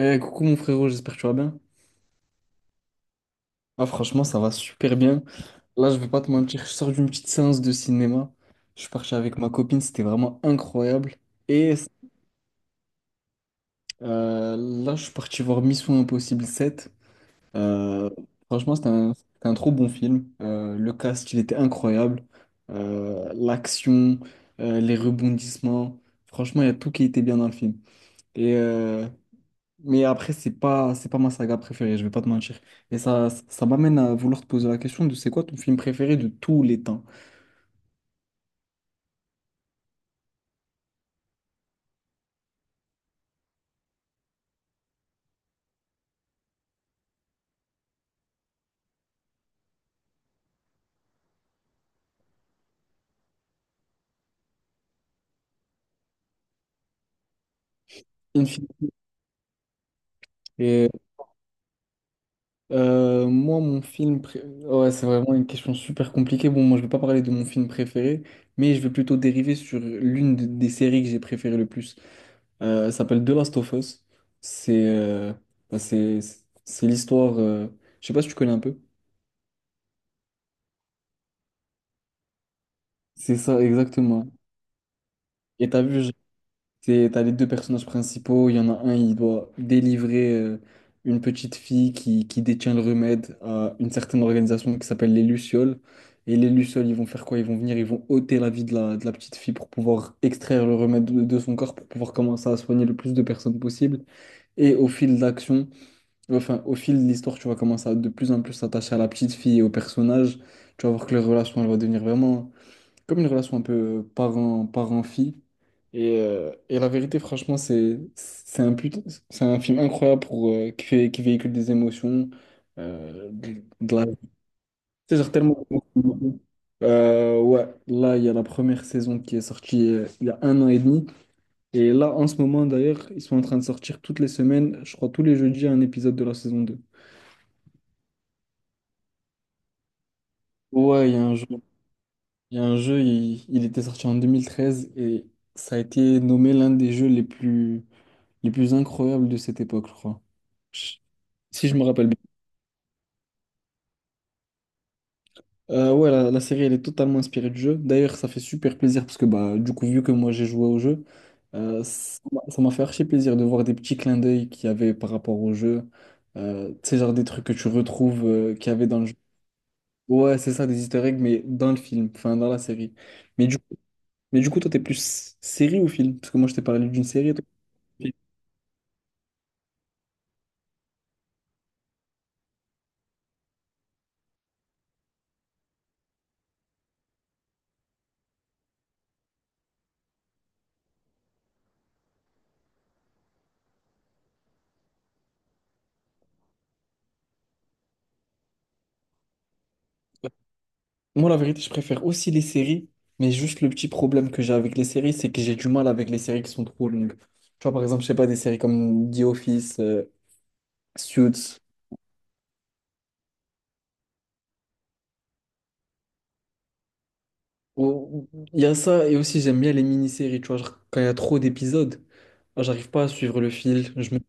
Eh, coucou mon frérot, j'espère que tu vas bien. Ah, franchement, ça va super bien. Là, je vais pas te mentir, je sors d'une petite séance de cinéma. Je suis parti avec ma copine, c'était vraiment incroyable. Et euh, Là, je suis parti voir Mission Impossible 7. Euh, Franchement, c'était un trop bon film. Le cast, il était incroyable. L'action, les rebondissements. Franchement, il y a tout qui était bien dans le film. Et euh, Mais après, c'est pas ma saga préférée, je vais pas te mentir. Et ça m'amène à vouloir te poser la question de c'est quoi ton film préféré de tous les temps? Infinity. Et moi, Ouais, c'est vraiment une question super compliquée. Bon, moi, je vais pas parler de mon film préféré, mais je vais plutôt dériver sur des séries que j'ai préférées le plus. Elle s'appelle The Last of Us. C'est bah, c'est C'est l'histoire. Je sais pas si tu connais un peu. C'est ça, exactement. Et t'as vu, T'as les deux personnages principaux, il y en a un, il doit délivrer une petite fille qui détient le remède à une certaine organisation qui s'appelle les Lucioles. Et les Lucioles, ils vont faire quoi? Ils vont venir, ils vont ôter la vie de de la petite fille pour pouvoir extraire le remède de son corps, pour pouvoir commencer à soigner le plus de personnes possible. Et au fil d'action, au fil de l'histoire, tu vas commencer à de plus en plus s'attacher à la petite fille et au personnage. Tu vas voir que leur relation, elle va devenir vraiment comme une relation un peu parent, parent-fille. Et la vérité, franchement, c'est un film incroyable pour, qui véhicule des émotions, euh, de, de la... C'est genre tellement... ouais, là, il y a la première saison qui est sortie il y a un an et demi. Et là, en ce moment, d'ailleurs, ils sont en train de sortir toutes les semaines, je crois tous les jeudis, un épisode de la saison deux. Ouais, il y a un jeu. Il y a un jeu, il était sorti en 2013 et ça a été nommé l'un des jeux les plus incroyables de cette époque, je crois. Je- Si je me rappelle bien. Ouais, la série, elle est totalement inspirée du jeu. D'ailleurs, ça fait super plaisir parce que, bah, du coup, vu que moi j'ai joué au jeu, ça m'a fait archi plaisir de voir des petits clins d'œil qu'il y avait par rapport au jeu. Tu sais, genre des trucs que tu retrouves qu'il y avait dans le jeu. Ouais, c'est ça, des easter eggs, mais dans le film, enfin, dans la série. Mais du, mais du coup, toi, t'es plus série ou film? Parce que moi, je t'ai parlé d'une série. Toi, film. Moi, la vérité, je préfère aussi les séries, mais juste le petit problème que j'ai avec les séries, c'est que j'ai du mal avec les séries qui sont trop longues. Tu vois, par exemple, je sais pas, des séries comme The Office, Suits. Il y a ça, et aussi j'aime bien les mini-séries, tu vois, genre, quand il y a trop d'épisodes, ah, j'arrive pas à suivre le fil.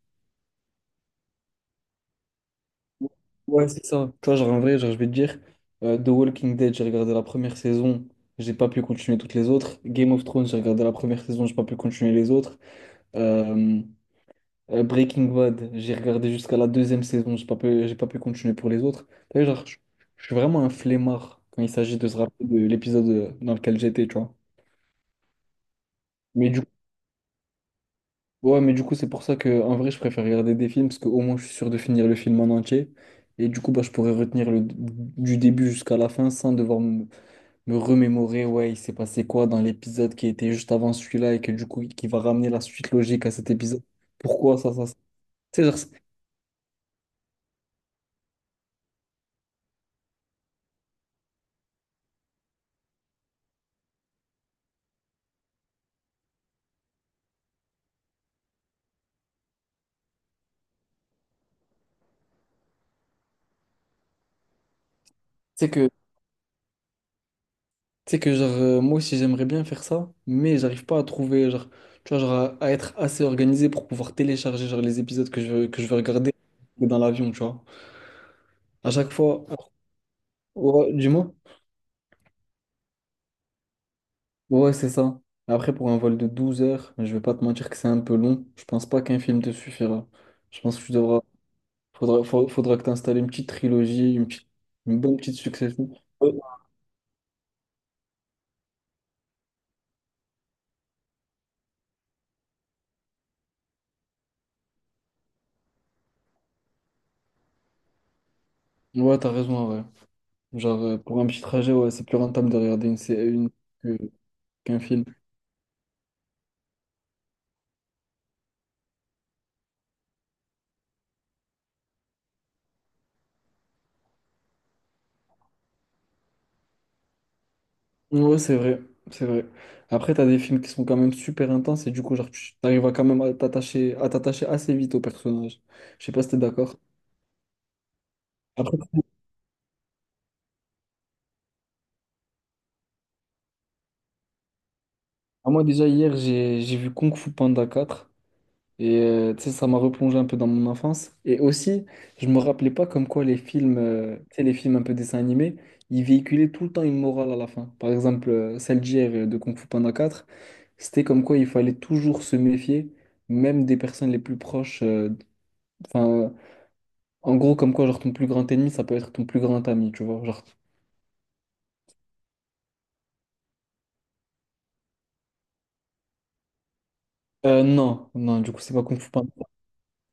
Ouais, c'est ça. Tu vois, genre, en vrai, genre, je vais te dire, The Walking Dead, j'ai regardé la première saison, j'ai pas pu continuer toutes les autres. Game of Thrones, j'ai regardé la première saison, j'ai pas pu continuer les autres. Euh, Breaking Bad, j'ai regardé jusqu'à la deuxième saison, j'ai pas pu continuer pour les autres. T'as vu, genre, je suis vraiment un flemmard quand il s'agit de se rappeler de l'épisode dans lequel j'étais, tu vois. Mais du coup, ouais, mais du coup, c'est pour ça que en vrai, je préfère regarder des films parce qu'au moins, je suis sûr de finir le film en entier. Et du coup, bah, je pourrais retenir le, du début jusqu'à la fin sans devoir me remémorer, ouais, il s'est passé quoi dans l'épisode qui était juste avant celui-là et que du coup, qui va ramener la suite logique à cet épisode. Pourquoi ça, ça, ça. Tu sais, genre, c'est- tu sais que Tu sais que genre moi aussi j'aimerais bien faire ça, mais j'arrive pas à trouver genre tu vois genre à être assez organisé pour pouvoir télécharger genre les épisodes que je veux regarder dans l'avion, tu vois. À chaque fois ouais, dis-moi. Ouais, c'est ça. Après pour un vol de 12 heures, je vais pas te mentir que c'est un peu long. Je pense pas qu'un film te suffira. Je pense que tu devras faudra fa- Faudra que tu installes une petite trilogie, une bonne petite succession. Ouais, ouais, t'as raison, ouais. Genre pour un petit trajet, ouais, c'est plus rentable de regarder une que- qu'un film. Ouais, c'est vrai, c'est vrai. Après, t'as des films qui sont quand même super intenses et du coup, genre, tu arrives à quand même à t'attacher assez vite au personnage. Je sais pas si t'es d'accord. Après, ah, moi déjà hier, j'ai vu Kung Fu Panda 4 et tu sais, ça m'a replongé un peu dans mon enfance. Et aussi, je me rappelais pas comme quoi les films, tu sais, les films un peu dessins animés, ils véhiculaient tout le temps une morale à la fin. Par exemple, celle d'hier de Kung Fu Panda 4, c'était comme quoi il fallait toujours se méfier, même des personnes les plus proches. Enfin, En gros, comme quoi, genre, ton plus grand ennemi, ça peut être ton plus grand ami, tu vois. Non, du coup, c'est pas Kung Fu Panda.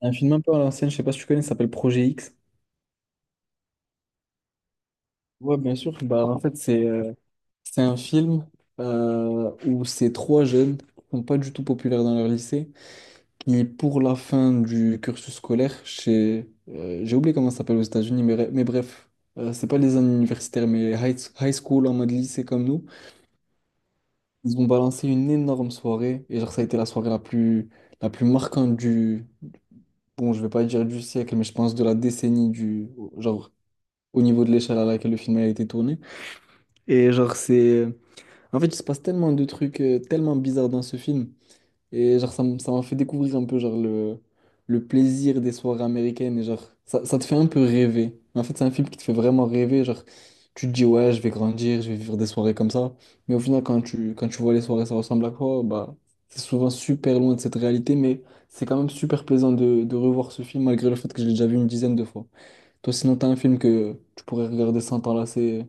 Un film un peu à l'ancienne, je sais pas si tu connais, ça s'appelle Projet X. Ouais, bien sûr. Bah, en fait, c'est un film où ces trois jeunes qui sont pas du tout populaires dans leur lycée, qui, pour la fin du cursus scolaire, j'ai oublié comment ça s'appelle aux États-Unis, mais bref, c'est pas les années universitaires, mais high school en mode lycée comme nous. Ils ont balancé une énorme soirée et genre ça a été la soirée la plus marquante du bon, je vais pas dire du siècle, mais je pense de la décennie, du genre au niveau de l'échelle à laquelle le film a été tourné, et genre c'est en fait il se passe tellement de trucs tellement bizarres dans ce film, et genre, ça m'a fait découvrir un peu genre le plaisir des soirées américaines. Et genre, ça te fait un peu rêver. En fait, c'est un film qui te fait vraiment rêver. Genre, tu te dis, ouais, je vais grandir, je vais vivre des soirées comme ça. Mais au final, quand tu vois les soirées, ça ressemble à quoi? Bah, c'est souvent super loin de cette réalité. Mais c'est quand même super plaisant de revoir ce film, malgré le fait que je l'ai déjà vu une dizaine de fois. Toi, sinon, t'as un film que tu pourrais regarder sans t'enlacer.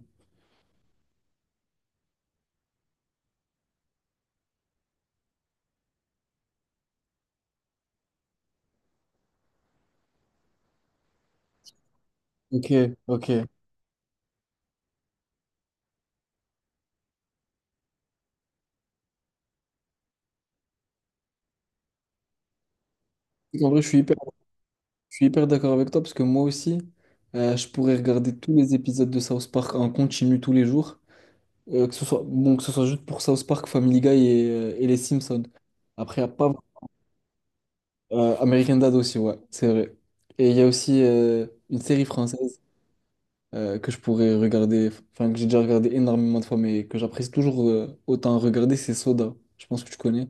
Ok, ok. En vrai, je suis hyper Je suis hyper d'accord avec toi parce que moi aussi, je pourrais regarder tous les épisodes de South Park en continu tous les jours, bon, que ce soit juste pour South Park, Family Guy et les Simpsons. Après, il y a pas American Dad aussi, ouais, c'est vrai. Et il y a aussi une série française que je pourrais regarder, enfin que j'ai déjà regardé énormément de fois, mais que j'apprécie toujours autant regarder, c'est Soda. Je pense que tu connais.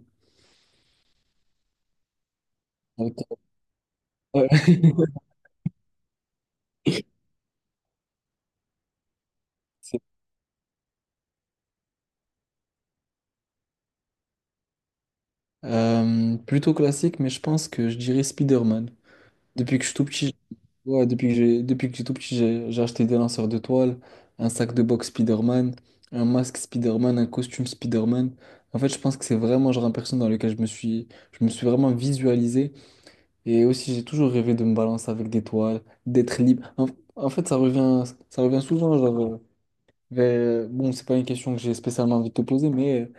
Avec- Ouais. C'est, plutôt classique, mais je pense que je dirais Spider-Man. Depuis que je suis tout petit, ouais, depuis que j'ai tout petit, j'ai acheté des lanceurs de toile, un sac de boxe Spider-Man, un masque Spider-Man, un costume Spider-Man. En fait, je pense que c'est vraiment genre un personnage dans lequel je me suis vraiment visualisé. Et aussi, j'ai toujours rêvé de me balancer avec des toiles, d'être libre. En fait, ça revient souvent genre, bon, c'est pas une question que j'ai spécialement envie de te poser, mais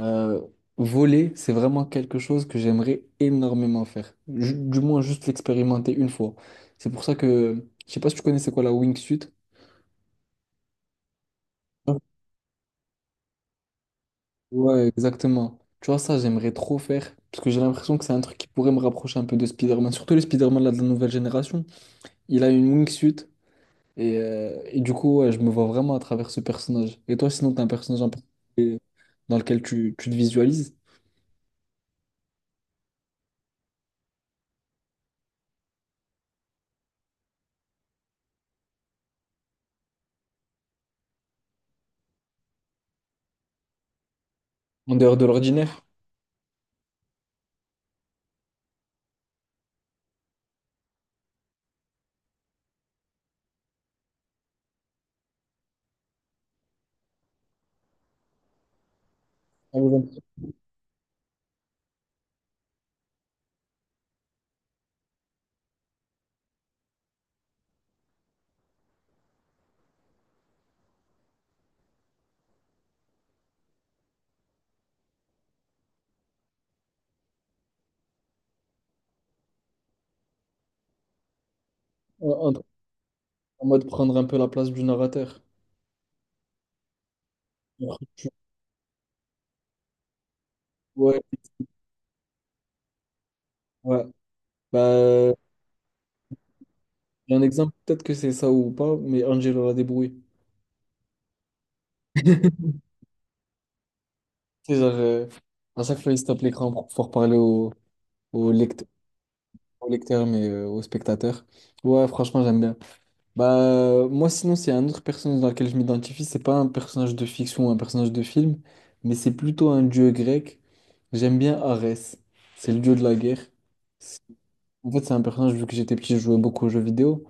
euh, voler, c'est vraiment quelque chose que j'aimerais énormément faire. Du moins, juste l'expérimenter une fois. C'est pour ça que, je sais pas si tu connais c'est quoi la wingsuit. Ouais. Ouais, exactement. Tu vois, ça, j'aimerais trop faire. Parce que j'ai l'impression que c'est un truc qui pourrait me rapprocher un peu de Spider-Man. Surtout le Spider-Man là, de la nouvelle génération. Il a une wingsuit. Et du coup, ouais, je me vois vraiment à travers ce personnage. Et toi, sinon, t'as un personnage en particulier dans lequel tu te visualises, en dehors de l'ordinaire, en, en en mode prendre un peu la place du narrateur. Ouais, ouais. Bah, il y a un exemple, peut-être que c'est ça ou pas, mais Angelo la débrouille. C'est genre, à chaque fois, il se tape l'écran pour pouvoir parler au, au lecteur, au lecteur, mais au spectateur. Ouais, franchement, j'aime bien. Bah, moi, sinon, c'est un autre personnage dans lequel je m'identifie. C'est pas un personnage de fiction ou un personnage de film, mais c'est plutôt un dieu grec. J'aime bien Arès. C'est le dieu de la guerre. C'est- En fait, c'est un personnage, vu que j'étais petit, je jouais beaucoup aux jeux vidéo.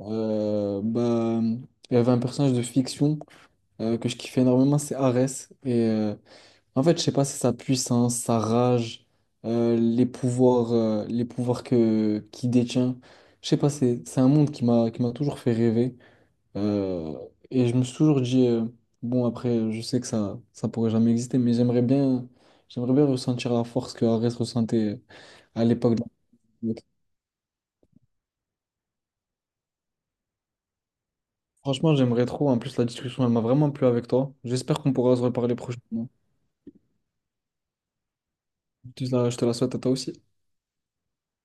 Euh, bah, il y avait un personnage de fiction que je kiffais énormément, c'est Arès. En fait, je sais pas, c'est sa puissance, sa rage, les pouvoirs que qu'il détient. Je sais pas, c'est un monde qui m'a toujours fait rêver. Euh, et je me suis toujours dit, bon, après, je sais que ça pourrait jamais exister, mais j'aimerais bien ressentir la force que Arès ressentait à l'époque. Franchement, j'aimerais trop. En plus, la discussion, elle m'a vraiment plu avec toi. J'espère qu'on pourra se reparler prochainement. Je te la souhaite à toi aussi.